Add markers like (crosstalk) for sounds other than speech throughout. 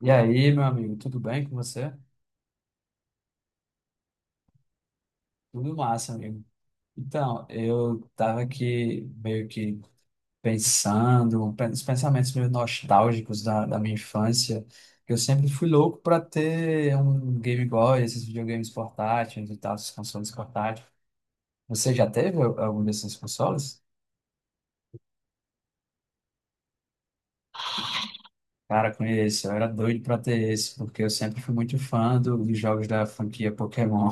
E aí, meu amigo, tudo bem com você? Tudo massa, amigo. Então, eu tava aqui meio que pensando, os pensamentos meio nostálgicos da minha infância, que eu sempre fui louco para ter um Game Boy, esses videogames portáteis e tal, esses consoles portáteis. Você já teve algum desses consoles? Cara, conheço, eu era doido para ter esse, porque eu sempre fui muito fã dos jogos da franquia Pokémon.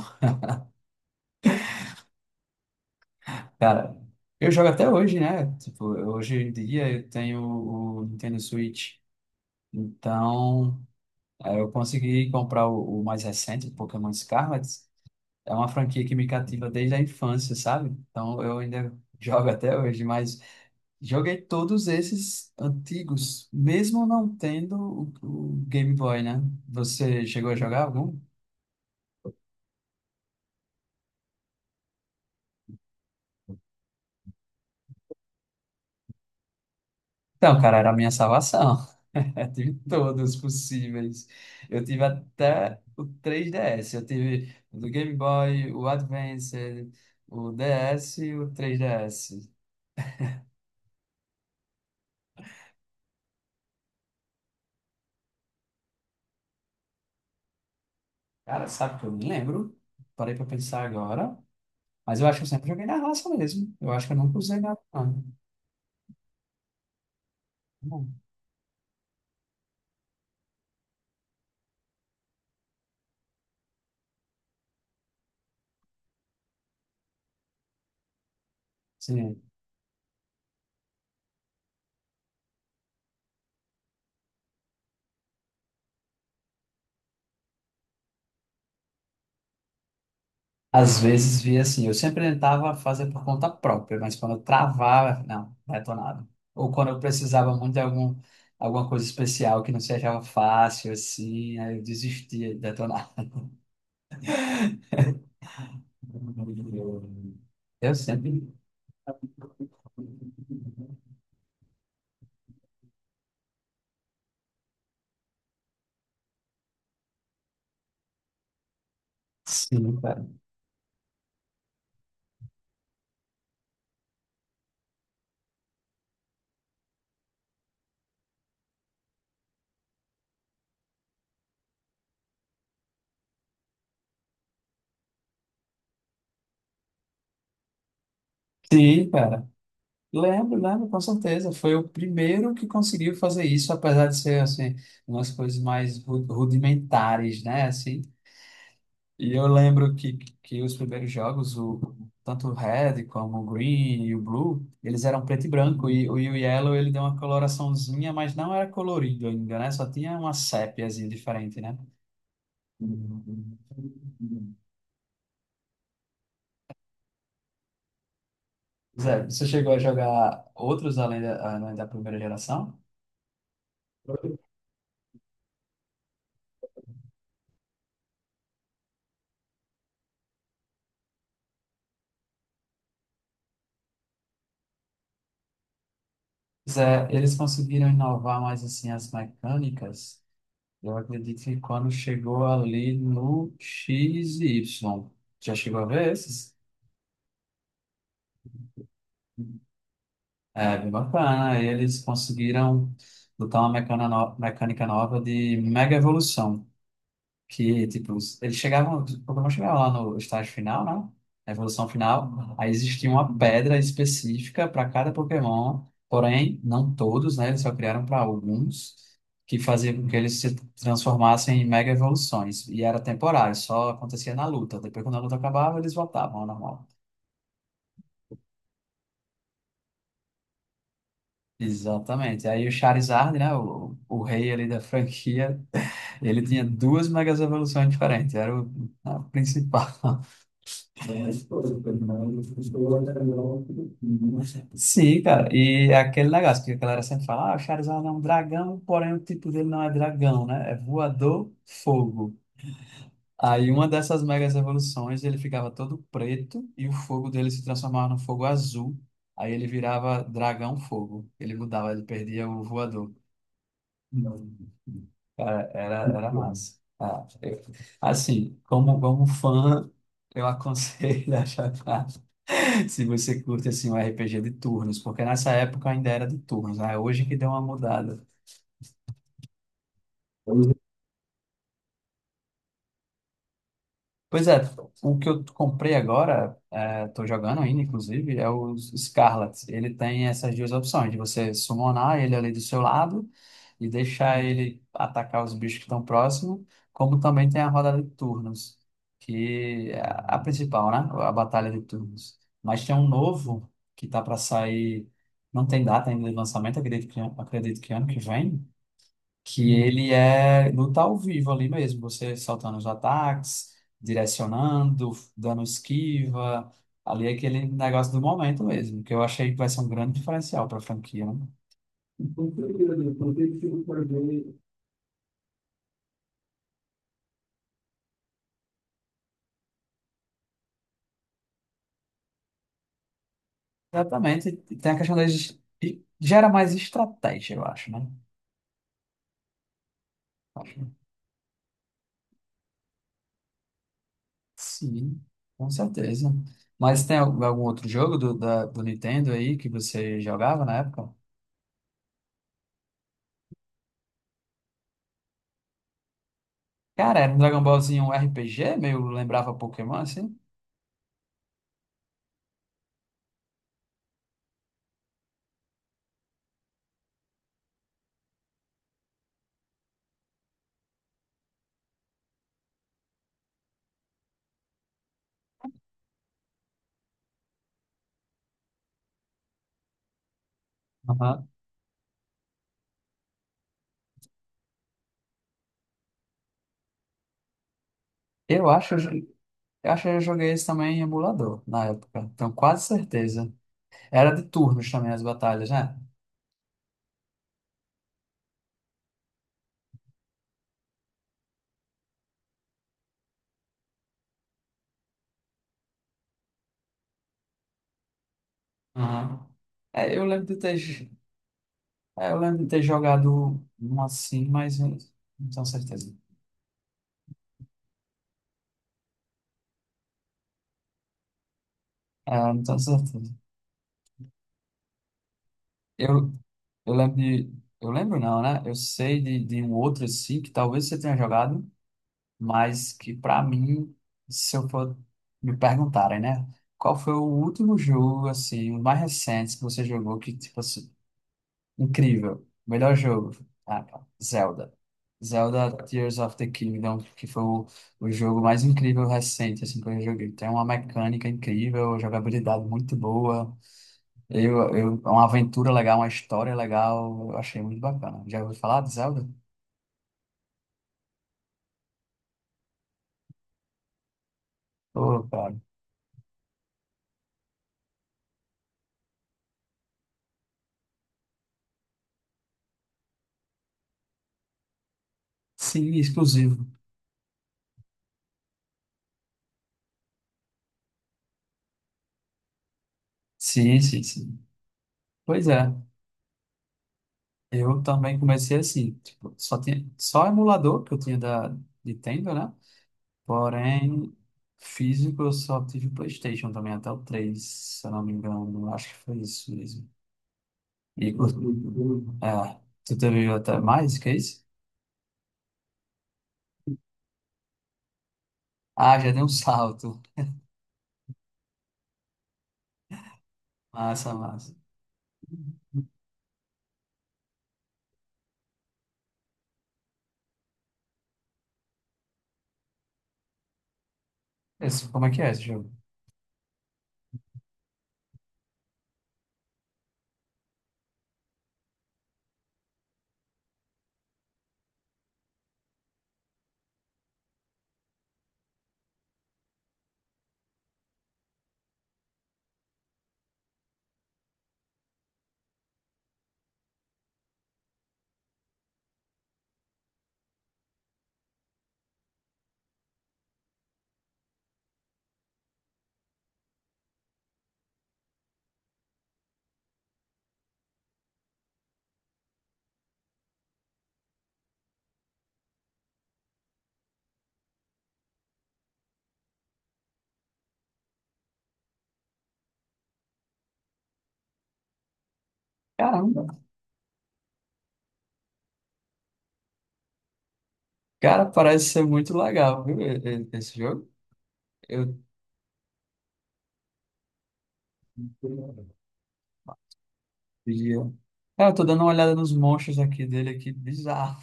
Cara, eu jogo até hoje, né? Tipo, hoje em dia eu tenho o Nintendo Switch. Então, eu consegui comprar o mais recente, o Pokémon Scarlet. É uma franquia que me cativa desde a infância, sabe? Então, eu ainda (laughs) jogo até hoje, mas joguei todos esses antigos, mesmo não tendo o Game Boy, né? Você chegou a jogar algum? Então, cara, era a minha salvação. (laughs) Eu tive todos possíveis. Eu tive até o 3DS. Eu tive o do Game Boy, o Advance, o DS e o 3DS. Cara, sabe que eu me lembro? Parei pra pensar agora. Mas eu acho que eu sempre joguei na raça mesmo. Eu acho que eu nunca usei nada, não. Não. Sim. Às vezes via assim, eu sempre tentava fazer por conta própria, mas quando eu travava, não, detonado. Ou quando eu precisava muito de alguma coisa especial que não se achava fácil, assim, aí eu desistia de detonar. Eu sempre. Sim, cara. Sim, cara. Lembro, lembro, com certeza. Foi o primeiro que conseguiu fazer isso, apesar de ser, assim, umas coisas mais rudimentares, né? Assim, e eu lembro que os primeiros jogos, tanto o Red como o Green e o Blue, eles eram preto e branco, e o Yellow ele deu uma coloraçãozinha, mas não era colorido ainda, né? Só tinha uma sépiazinha diferente, né? Zé, você chegou a jogar outros além da primeira geração? Zé, eles conseguiram inovar mais assim as mecânicas. Eu acredito que quando chegou ali no X e Y, já chegou a ver esses? É bem bacana. Eles conseguiram botar uma mecana no- mecânica nova de mega evolução. Que, tipo, eles chegavam, o Pokémon chegava lá no estágio final, né? Na evolução final. Aí existia uma pedra específica para cada Pokémon. Porém, não todos, né? Eles só criaram para alguns. Que fazia com que eles se transformassem em mega evoluções. E era temporário, só acontecia na luta. Depois, quando a luta acabava, eles voltavam ao normal. Exatamente. Aí o Charizard, né, o rei ali da franquia, ele tinha duas megas evoluções diferentes, era o a principal. Sim, cara, e é aquele negócio que a galera sempre fala, ah, o Charizard é um dragão, porém o tipo dele não é dragão, né? É voador, fogo. Aí uma dessas megas evoluções, ele ficava todo preto e o fogo dele se transformava no fogo azul. Aí ele virava dragão fogo. Ele mudava, ele perdia o voador. Não. Cara, era massa. Ah, assim, como fã, eu aconselho a jogar (laughs) se você curte assim, um RPG de turnos, porque nessa época ainda era de turnos, né? Hoje que deu uma mudada. Pois é, o que eu comprei agora, é, tô jogando ainda, inclusive, é o Scarlet. Ele tem essas duas opções, de você summonar ele ali do seu lado, e deixar ele atacar os bichos que estão próximos, como também tem a rodada de turnos, que é a principal, né? A batalha de turnos. Mas tem um novo que tá para sair, não tem data ainda de lançamento, acredito que ano que vem, que ele é luta ao vivo ali mesmo, você soltando os ataques, direcionando, dando esquiva. Ali é aquele negócio do momento mesmo, que eu achei que vai ser um grande diferencial para a franquia, né? Exatamente. E tem a questão e gera mais estratégia, eu acho, né? Acho- sim, com certeza. Mas tem algum outro jogo do Nintendo aí que você jogava na época? Cara, era um Dragon Ballzinho, um RPG, meio lembrava Pokémon, assim? Aham. Eu acho, eu jo- eu acho que eu joguei esse também em emulador na época. Tenho quase certeza. Era de turnos também as batalhas, né? Aham. É, eu lembro de ter, j- é, eu lembro de ter jogado um assim, mas eu não tenho certeza. Ah, não tenho certeza. Eu, eu lembro de. Eu lembro não, né? Eu sei de um outro assim, que talvez você tenha jogado, mas que pra mim, se eu for me perguntarem, né? Qual foi o último jogo, assim, o mais recente que você jogou que, tipo assim, incrível, melhor jogo? Ah, cara, Zelda. Zelda Tears of the Kingdom, que foi o jogo mais incrível recente, assim, que eu joguei. Tem uma mecânica incrível, jogabilidade muito boa. Eu, é uma aventura legal, uma história legal, eu achei muito bacana. Já ouviu falar de Zelda? Ô, cara. Sim, exclusivo. Sim, sim, sim. Pois é, eu também comecei assim, tipo, só emulador que eu tinha da Nintendo, né? Porém, físico eu só tive o PlayStation também, até o 3 se eu não me engano, acho que foi isso mesmo. E, o- é, tu teve até mais que isso? Ah, já deu um salto. Massa, massa. Esse, como é que é esse jogo? Caramba. Cara, parece ser muito legal, viu? Esse jogo. Eu pedi. Cara, eu tô dando uma olhada nos monstros aqui dele aqui, bizarro.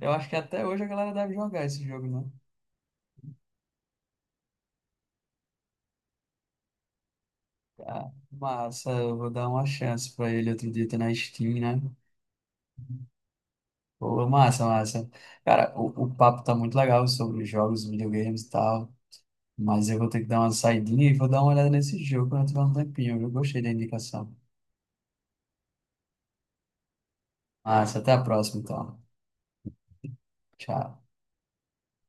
Eu acho que até hoje a galera deve jogar esse jogo, né? Ah, massa, eu vou dar uma chance pra ele outro dia, tá na Steam, né? Pô, massa, massa. Cara, o papo tá muito legal sobre jogos, videogames e tal, mas eu vou ter que dar uma saidinha e vou dar uma olhada nesse jogo quando eu tiver um tempinho, eu gostei da indicação. Massa, até a próxima, então. Tchau.